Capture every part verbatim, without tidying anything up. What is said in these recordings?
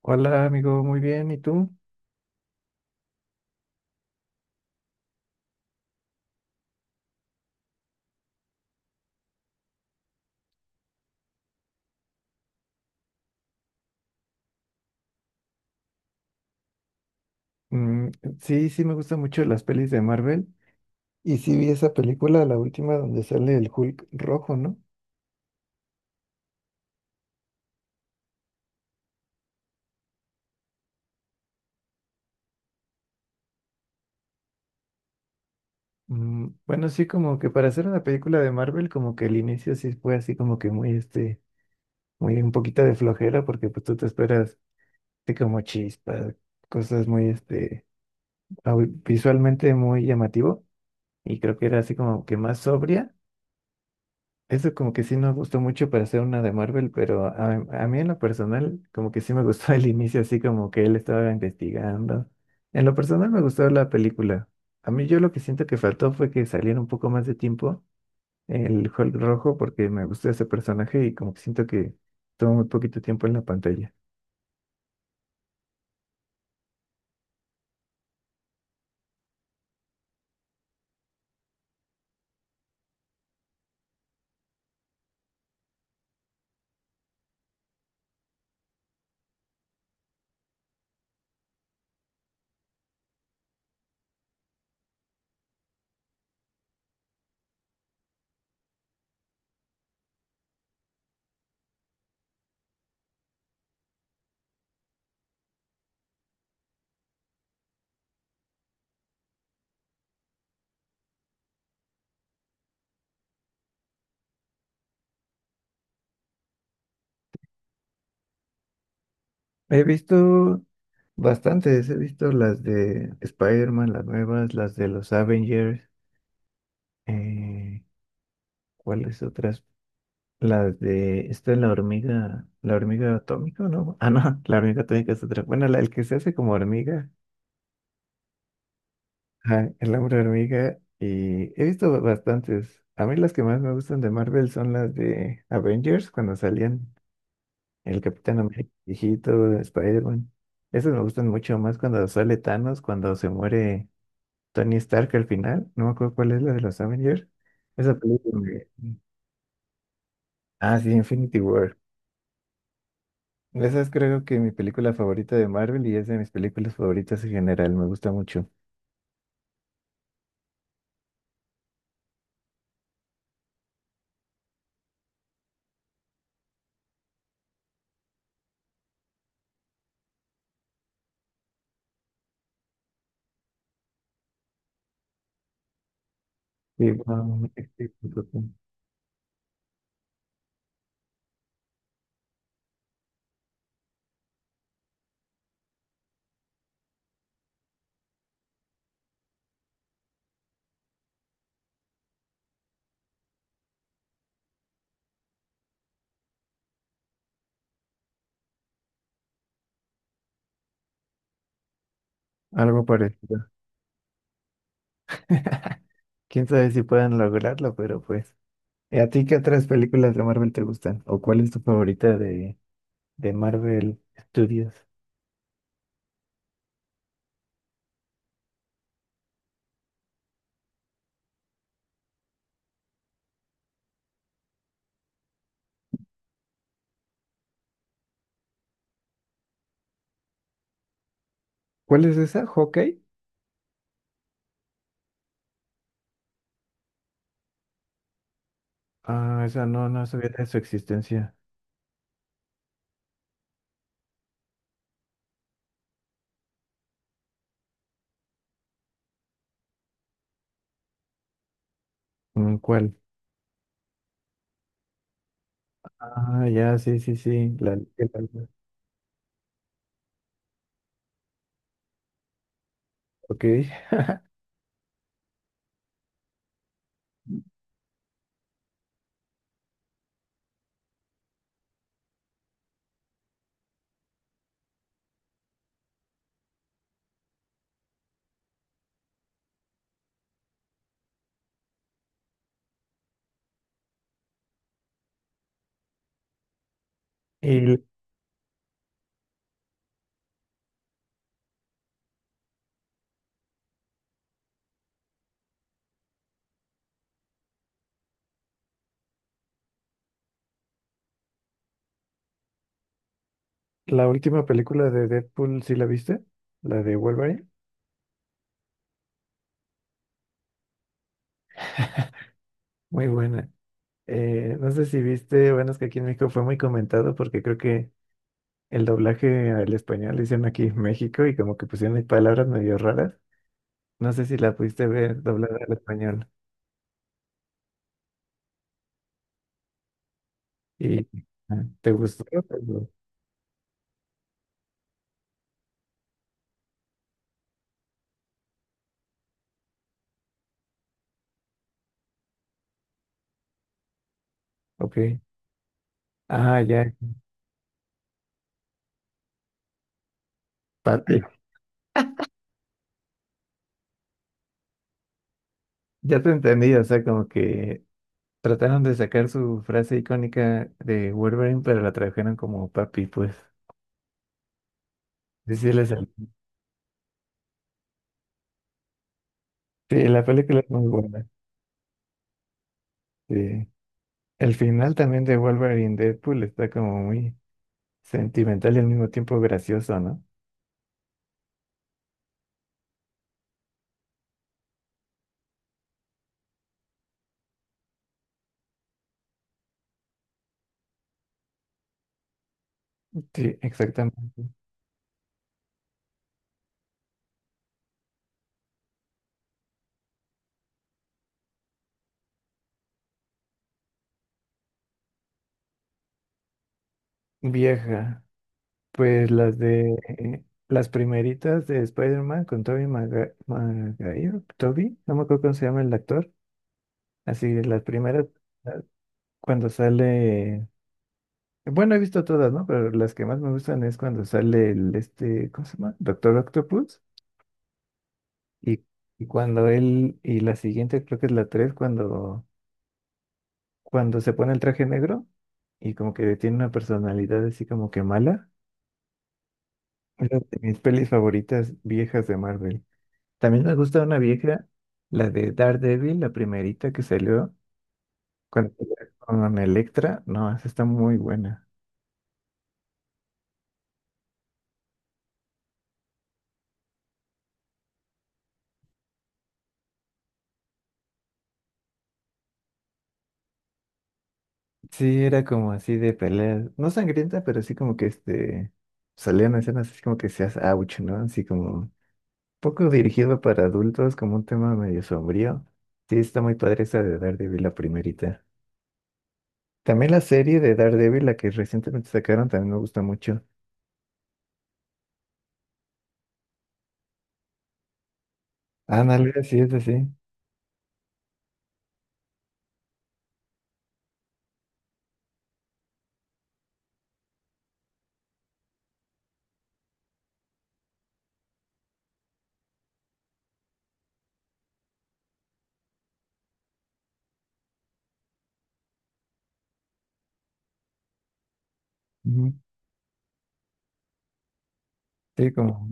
Hola amigo, muy bien, ¿y tú? Mm, sí, sí me gustan mucho las pelis de Marvel. Y sí vi esa película, la última, donde sale el Hulk rojo, ¿no? Mm, bueno, sí, como que para hacer una película de Marvel, como que el inicio sí fue así como que muy, este, muy un poquito de flojera, porque pues tú te esperas así como chispas, cosas muy, este, au- visualmente muy llamativo. Y creo que era así como que más sobria. Eso como que sí no gustó mucho para hacer una de Marvel, pero a, a mí en lo personal como que sí me gustó el inicio, así como que él estaba investigando. En lo personal me gustó la película. A mí yo lo que siento que faltó fue que saliera un poco más de tiempo el Hulk rojo porque me gustó ese personaje y como que siento que tomó muy poquito tiempo en la pantalla. He visto bastantes, he visto las de Spider-Man, las nuevas, las de los Avengers, eh, ¿cuáles otras? Las de, esta es la hormiga, la hormiga atómica, ¿no? Ah, no, la hormiga atómica es otra. Bueno, la, el que se hace como hormiga, ajá, el hombre hormiga, y he visto ba- bastantes. A mí las que más me gustan de Marvel son las de Avengers, cuando salían el Capitán América, viejito, Spider-Man. Esas me gustan mucho más cuando sale Thanos, cuando se muere Tony Stark al final. No me acuerdo cuál es la de los Avengers. Esa película me- Ah, sí, Infinity War. Esa es creo que mi película favorita de Marvel y es de mis películas favoritas en general, me gusta mucho. Y, um, este, pues, algo parecido. Quién sabe si puedan lograrlo, pero pues. ¿Y a ti qué otras películas de Marvel te gustan? ¿O cuál es tu favorita de, de Marvel Studios? ¿Cuál es esa? ¿Hawkeye? Ah, esa no, no sabía de su existencia. Mm, ¿cuál? Ah, ya, sí, sí, sí. La, el alma. Ok. ¿Y la última película de Deadpool, sí la viste? ¿La de Wolverine? Muy buena. Eh, no sé si viste, bueno, es que aquí en México fue muy comentado porque creo que el doblaje al español lo hicieron aquí en México y como que pusieron ahí palabras medio raras. No sé si la pudiste ver doblada al español. ¿Y ah, te gustó? Pero, ok. Ah, ya. pa- Ya te entendí, o sea, como que trataron de sacar su frase icónica de Wolverine, pero la trajeron como papi, pues. Sí, sí, le salió. Sí, la película es muy buena. Sí. El final también de Wolverine Deadpool está como muy sentimental y al mismo tiempo gracioso, ¿no? Sí, exactamente. Vieja. Pues las de eh, las primeritas de Spider-Man con Tobey Maga- Maguire, Tobey, no me acuerdo cómo se llama el actor. Así, las primeras, la- cuando sale. Bueno, he visto todas, ¿no? Pero las que más me gustan es cuando sale el este, ¿cómo se llama? Doctor Octopus. Y, y cuando él, y la siguiente creo que es la tres cuando cuando se pone el traje negro y como que tiene una personalidad así como que mala. Es una de mis pelis favoritas viejas de Marvel. También me gusta una vieja, la de Daredevil, la primerita que salió cuando pelea con Electra. No, esa está muy buena. Sí, era como así de pelea, no sangrienta, pero así como que este salían escenas así como que seas ouch, ¿no? Así como poco dirigido para adultos, como un tema medio sombrío. Sí, está muy padre esa de Daredevil, la primerita. También la serie de Daredevil, la que recientemente sacaron, también me gusta mucho. Ándale, sí, es así. Ujú. Sí, como,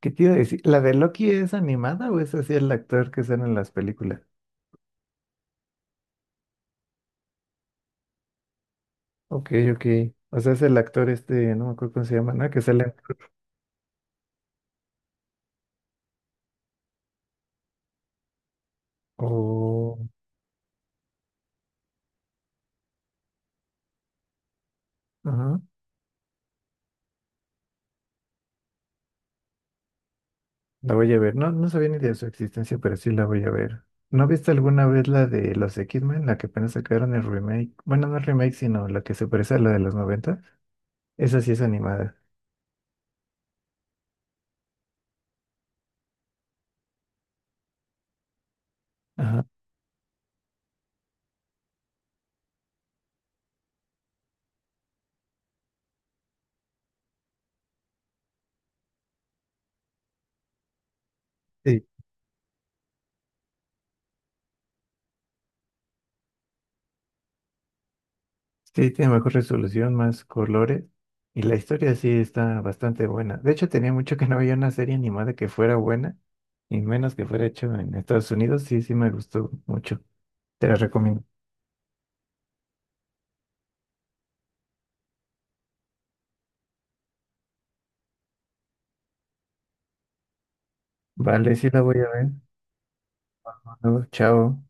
¿qué te iba a decir? ¿La de Loki es animada o es así el actor que sale en las películas? Ok, ok. O sea, es el actor este, no me acuerdo cómo se llama, ¿no? Que sale. Oh, ajá. La voy a ver. No, no sabía ni de su existencia, pero sí la voy a ver. ¿No viste alguna vez la de los X-Men, la que apenas sacaron el remake? Bueno, no el remake, sino la que se parece a la de los noventa. Esa sí es animada. Ajá. Sí. Sí, tiene mejor resolución, más colores. Y la historia sí está bastante buena. De hecho, tenía mucho que no había una serie animada que fuera buena. Y menos que fuera hecho en Estados Unidos. Sí, sí me gustó mucho. Te la recomiendo. Vale, sí la voy a ver. Bueno, chao.